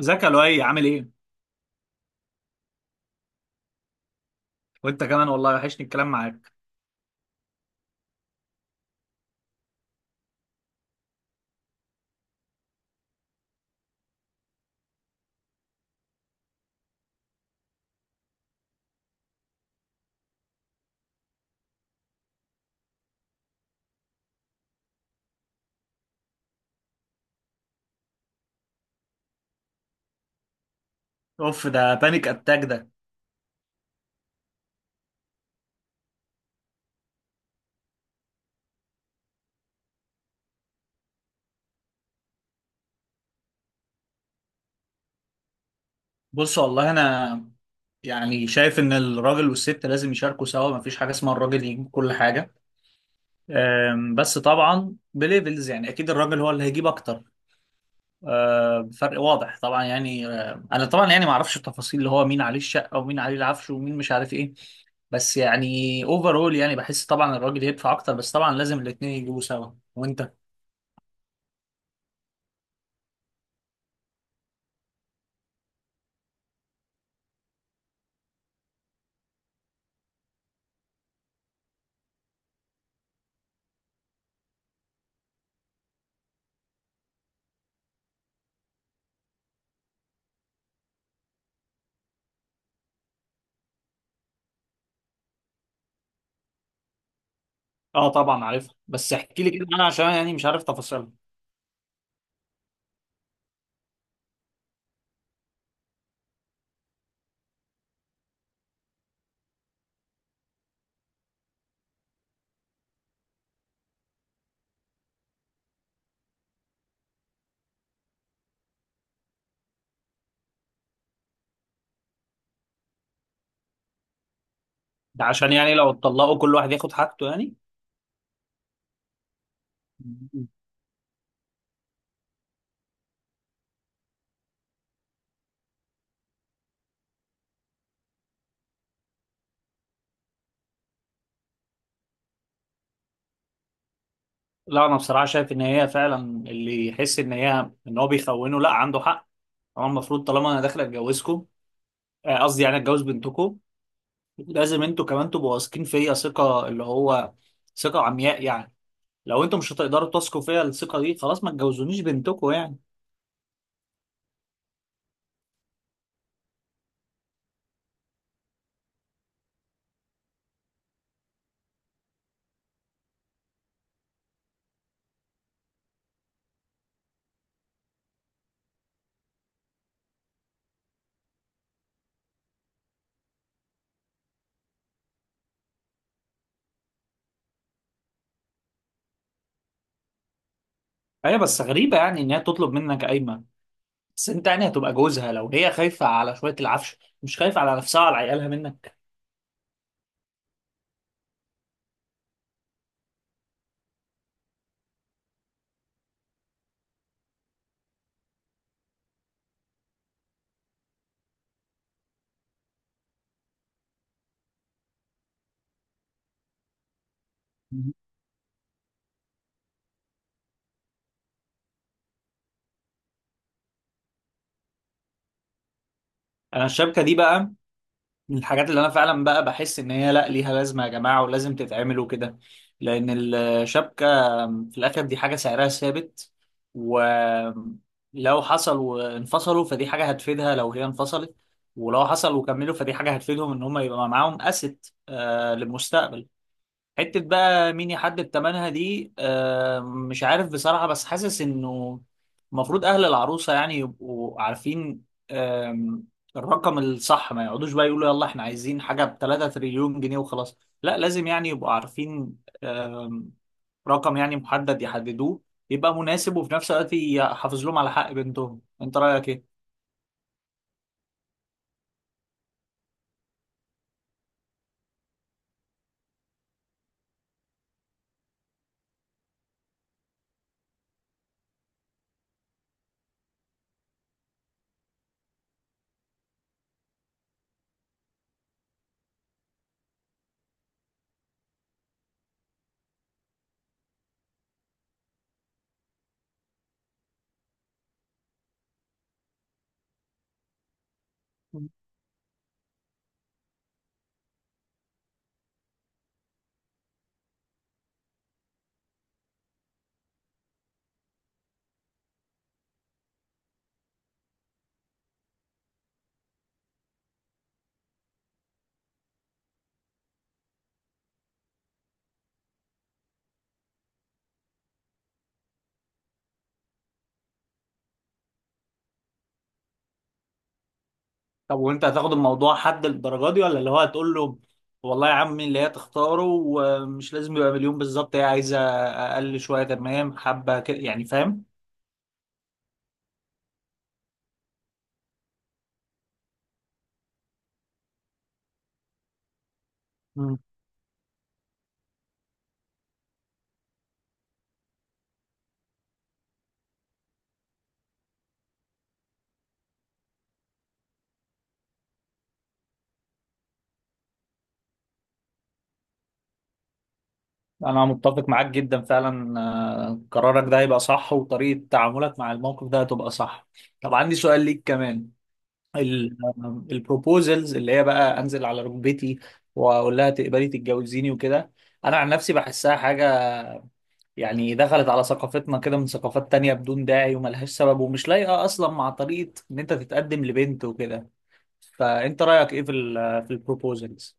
ازيك يا لؤي عامل ايه؟ وانت كمان والله وحشني الكلام معاك. اوف، ده بانيك اتاك ده. بص والله انا يعني شايف ان الراجل والست لازم يشاركوا سوا، مفيش حاجه اسمها الراجل يجيب كل حاجه. بس طبعا بليفلز يعني اكيد الراجل هو اللي هيجيب اكتر. فرق واضح طبعا يعني. انا طبعا يعني ما اعرفش التفاصيل اللي هو مين عليه الشقه ومين عليه العفش ومين مش عارف ايه. بس يعني اوفرول يعني بحس طبعا الراجل يدفع اكتر، بس طبعا لازم الاتنين يجيبوا سوا. وانت؟ اه طبعا عارفها، بس احكي لي كده انا عشان يعني مش عارف تفاصيلها. ده عشان يعني لو اتطلقوا كل واحد ياخد حاجته يعني. مم. لا انا بصراحه شايف ان هي فعلا، اللي يحس ان هو بيخونه لا عنده حق. هو المفروض طالما انا داخل اتجوزكم، قصدي يعني اتجوز بنتكم، لازم انتوا كمان تبقوا واثقين فيا ثقه اللي هو ثقه عمياء يعني. لو انتوا مش هتقدروا تثقوا فيا الثقه دي، خلاص ما تجوزونيش بنتكم يعني. هي بس غريبه يعني ان هي تطلب منك قايمه، بس انت يعني هتبقى جوزها. لو هي خايفة على شوية العفش مش خايفة على نفسها وعلى عيالها منك. انا الشبكة دي بقى من الحاجات اللي انا فعلا بقى بحس ان هي لا، ليها لازمة يا جماعة ولازم تتعمل وكده. لان الشبكة في الاخر دي حاجة سعرها ثابت، ولو حصل وانفصلوا فدي حاجة هتفيدها لو هي انفصلت، ولو حصل وكملوا فدي حاجة هتفيدهم ان هم يبقى معاهم اسيت للمستقبل. حتة بقى مين يحدد تمنها دي مش عارف بصراحة، بس حاسس انه المفروض اهل العروسة يعني يبقوا عارفين. آم، الرقم الصح، ما يقعدوش بقى يقولوا يلا احنا عايزين حاجة ب 3 تريليون جنيه وخلاص، لا لازم يعني يبقوا عارفين. آم، رقم يعني محدد يحددوه، يبقى مناسب وفي نفس الوقت يحافظ لهم على حق بنتهم. انت رأيك ايه؟ طب وانت هتاخد الموضوع حد للدرجه دي، ولا اللي هو هتقول له والله يا عمي اللي هي تختاره، ومش لازم يبقى مليون بالظبط، هي عايزه اقل شويه تمام، حبه كده يعني، فاهم؟ مم. انا متفق معاك جدا فعلا، قرارك ده هيبقى صح وطريقة تعاملك مع الموقف ده هتبقى صح. طب عندي سؤال ليك كمان. البروبوزلز، اللي هي بقى انزل على ركبتي واقول لها تقبلي تتجوزيني وكده، انا عن نفسي بحسها حاجة يعني دخلت على ثقافتنا كده من ثقافات تانية بدون داعي، وملهاش سبب ومش لايقة أصلا مع طريقة إن أنت تتقدم لبنت وكده. فأنت رأيك إيه في ال في البروبوزلز؟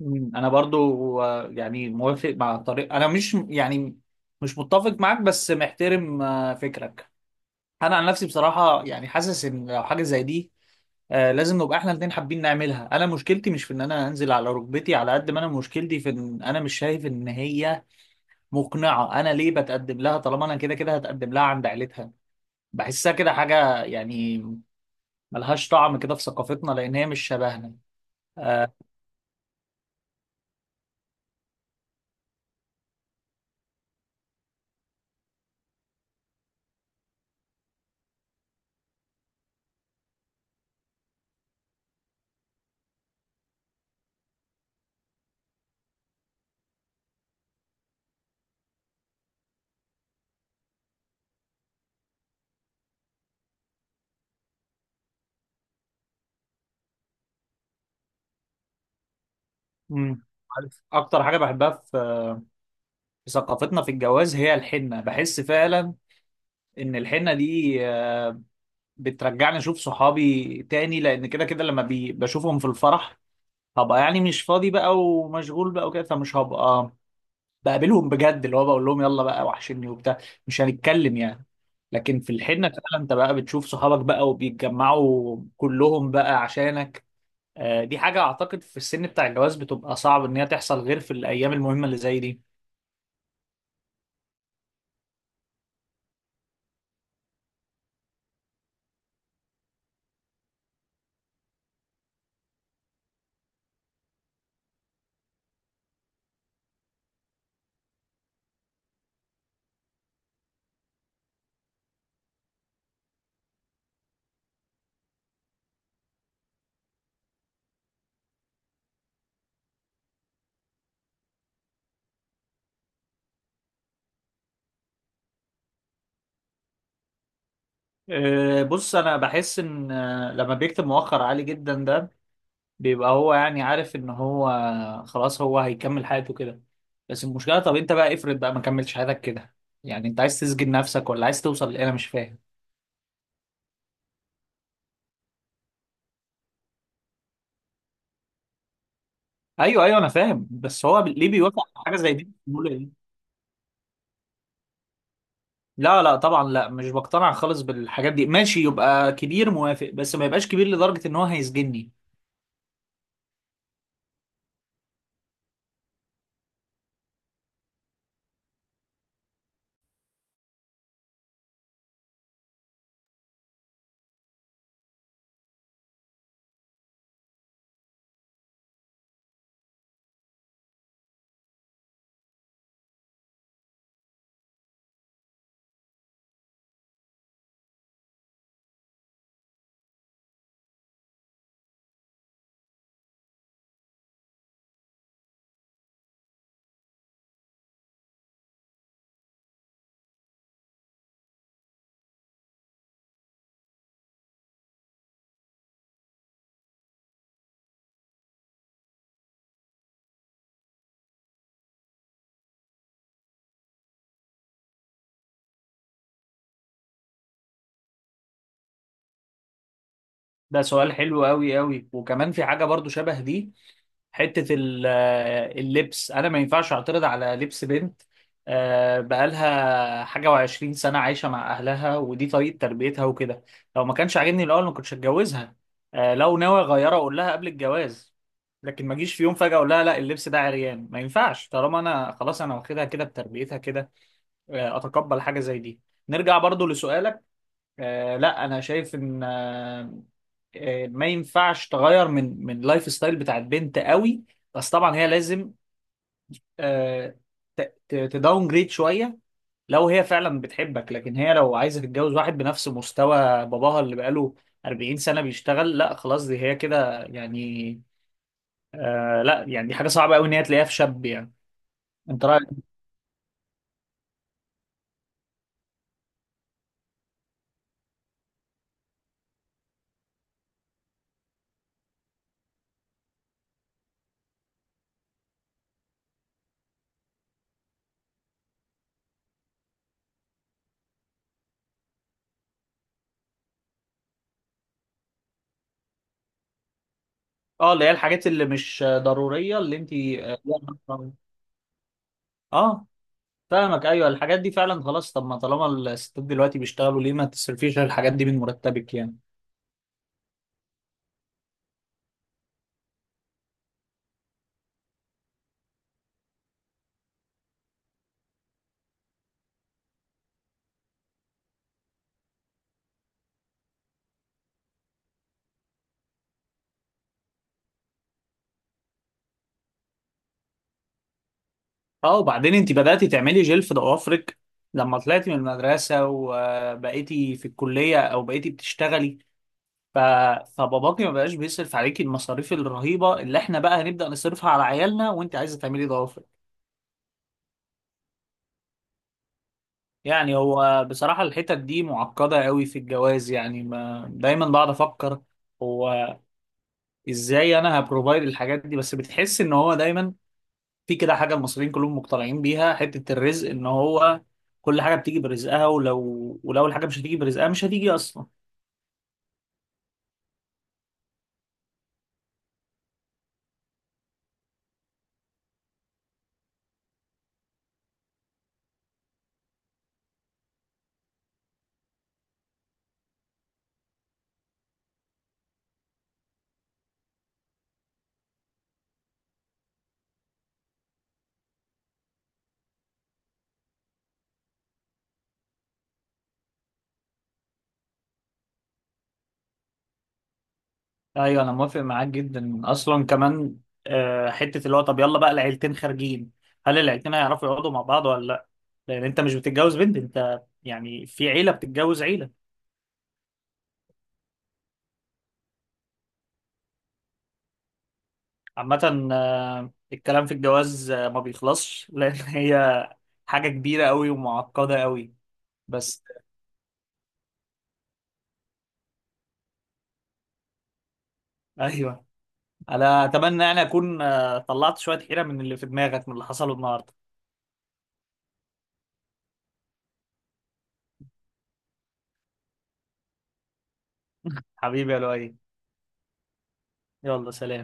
أنا برضو، يعني موافق مع طريق، أنا مش يعني مش متفق معاك، بس محترم فكرك. أنا عن نفسي بصراحة يعني حاسس إن لو حاجة زي دي، لازم نبقى احنا الاتنين حابين نعملها. انا مشكلتي مش في ان انا انزل على ركبتي على قد ما انا مشكلتي في ان انا مش شايف ان هي مقنعة أنا ليه بتقدم لها طالما أنا كده كده هتقدم لها عند عيلتها. بحسها كده حاجة يعني ملهاش طعم كده في ثقافتنا، لأن هي مش شبهنا. آه. أمم. عارف أكتر حاجة بحبها في في ثقافتنا في الجواز، هي الحنة. بحس فعلا إن الحنة دي بترجعني أشوف صحابي تاني، لأن كده كده لما بشوفهم في الفرح هبقى يعني مش فاضي بقى ومشغول بقى وكده، فمش هبقى بقابلهم بجد، اللي هو بقول لهم يلا بقى وحشني وبتاع، مش هنتكلم يعني. لكن في الحنة فعلا انت بقى بتشوف صحابك بقى وبيتجمعوا كلهم بقى عشانك. دي حاجة اعتقد في السن بتاع الجواز بتبقى صعب ان هي تحصل غير في الايام المهمة اللي زي دي. بص انا بحس ان، لما بيكتب مؤخر عالي جدا ده بيبقى هو يعني عارف ان هو خلاص هو هيكمل حياته كده. بس المشكلة، طب انت بقى افرض بقى ما كملتش حياتك كده، يعني انت عايز تسجن نفسك ولا عايز توصل لايه، انا مش فاهم. ايوه ايوه انا فاهم، بس هو ليه بيوافق على حاجه زي دي؟ بيقول ايه؟ لا لا طبعا، لا مش بقتنع خالص بالحاجات دي. ماشي يبقى كبير، موافق، بس ما يبقاش كبير لدرجه ان هو هيسجني. ده سؤال حلو قوي قوي، وكمان في حاجه برضو شبه دي. حتة ال- آه، اللبس، أنا ما ينفعش أعترض على لبس بنت بقالها حاجة وعشرين سنة عايشة مع أهلها، ودي طريقة تربيتها وكده. لو ما كانش عاجبني الأول ما كنتش هتجوزها. لو ناوي أغيرها أقول لها قبل الجواز، لكن ما أجيش في يوم فجأة أقول لها لا اللبس ده عريان ما ينفعش، طالما أنا خلاص أنا واخدها كده بتربيتها كده. أتقبل حاجة زي دي. نرجع برضو لسؤالك. لا أنا شايف إن، ما ينفعش تغير من اللايف ستايل بتاع البنت قوي. بس طبعا هي لازم، آه، تداون جريد شويه لو هي فعلا بتحبك. لكن هي لو عايزه تتجوز واحد بنفس مستوى باباها اللي بقاله 40 سنه بيشتغل، لا خلاص دي هي كده يعني. آه لا يعني دي حاجه صعبه قوي ان هي تلاقيها في شاب يعني. انت رايك؟ اه اللي هي الحاجات اللي مش ضروريه اللي انت، آه، آه، فاهمك، ايوه الحاجات دي فعلا خلاص. طب ما طالما الستات دلوقتي بيشتغلوا، ليه ما تصرفيش على الحاجات دي من مرتبك يعني. اه وبعدين انت بدأتي تعملي جل في ضوافرك لما طلعتي من المدرسة وبقيتي في الكلية او بقيتي بتشتغلي، ف... فباباكي ما بقاش بيصرف عليكي المصاريف الرهيبة اللي احنا بقى هنبدأ نصرفها على عيالنا، وانت عايزة تعملي ضوافرك يعني. هو بصراحة الحتت دي معقدة قوي في الجواز يعني، ما دايما بقعد افكر هو ازاي انا هبروفايد الحاجات دي. بس بتحس ان هو دايما في كده حاجة المصريين كلهم مقتنعين بيها حتة الرزق، ان هو كل حاجة بتيجي برزقها، ولو الحاجة مش هتيجي برزقها مش هتيجي اصلا. ايوه انا موافق معاك جدا، اصلا كمان حتة اللي هو طب يلا بقى العيلتين خارجين، هل العيلتين هيعرفوا يقعدوا مع بعض ولا لا؟ لان انت مش بتتجوز بنت، انت يعني في عيلة بتتجوز عيلة. عامة الكلام في الجواز ما بيخلصش، لان هي حاجة كبيرة قوي ومعقدة قوي. بس ايوه، انا اتمنى يعني اكون طلعت شويه حيره من اللي في دماغك من اللي حصله النهارده. حبيبي يا لؤي، يلا سلام.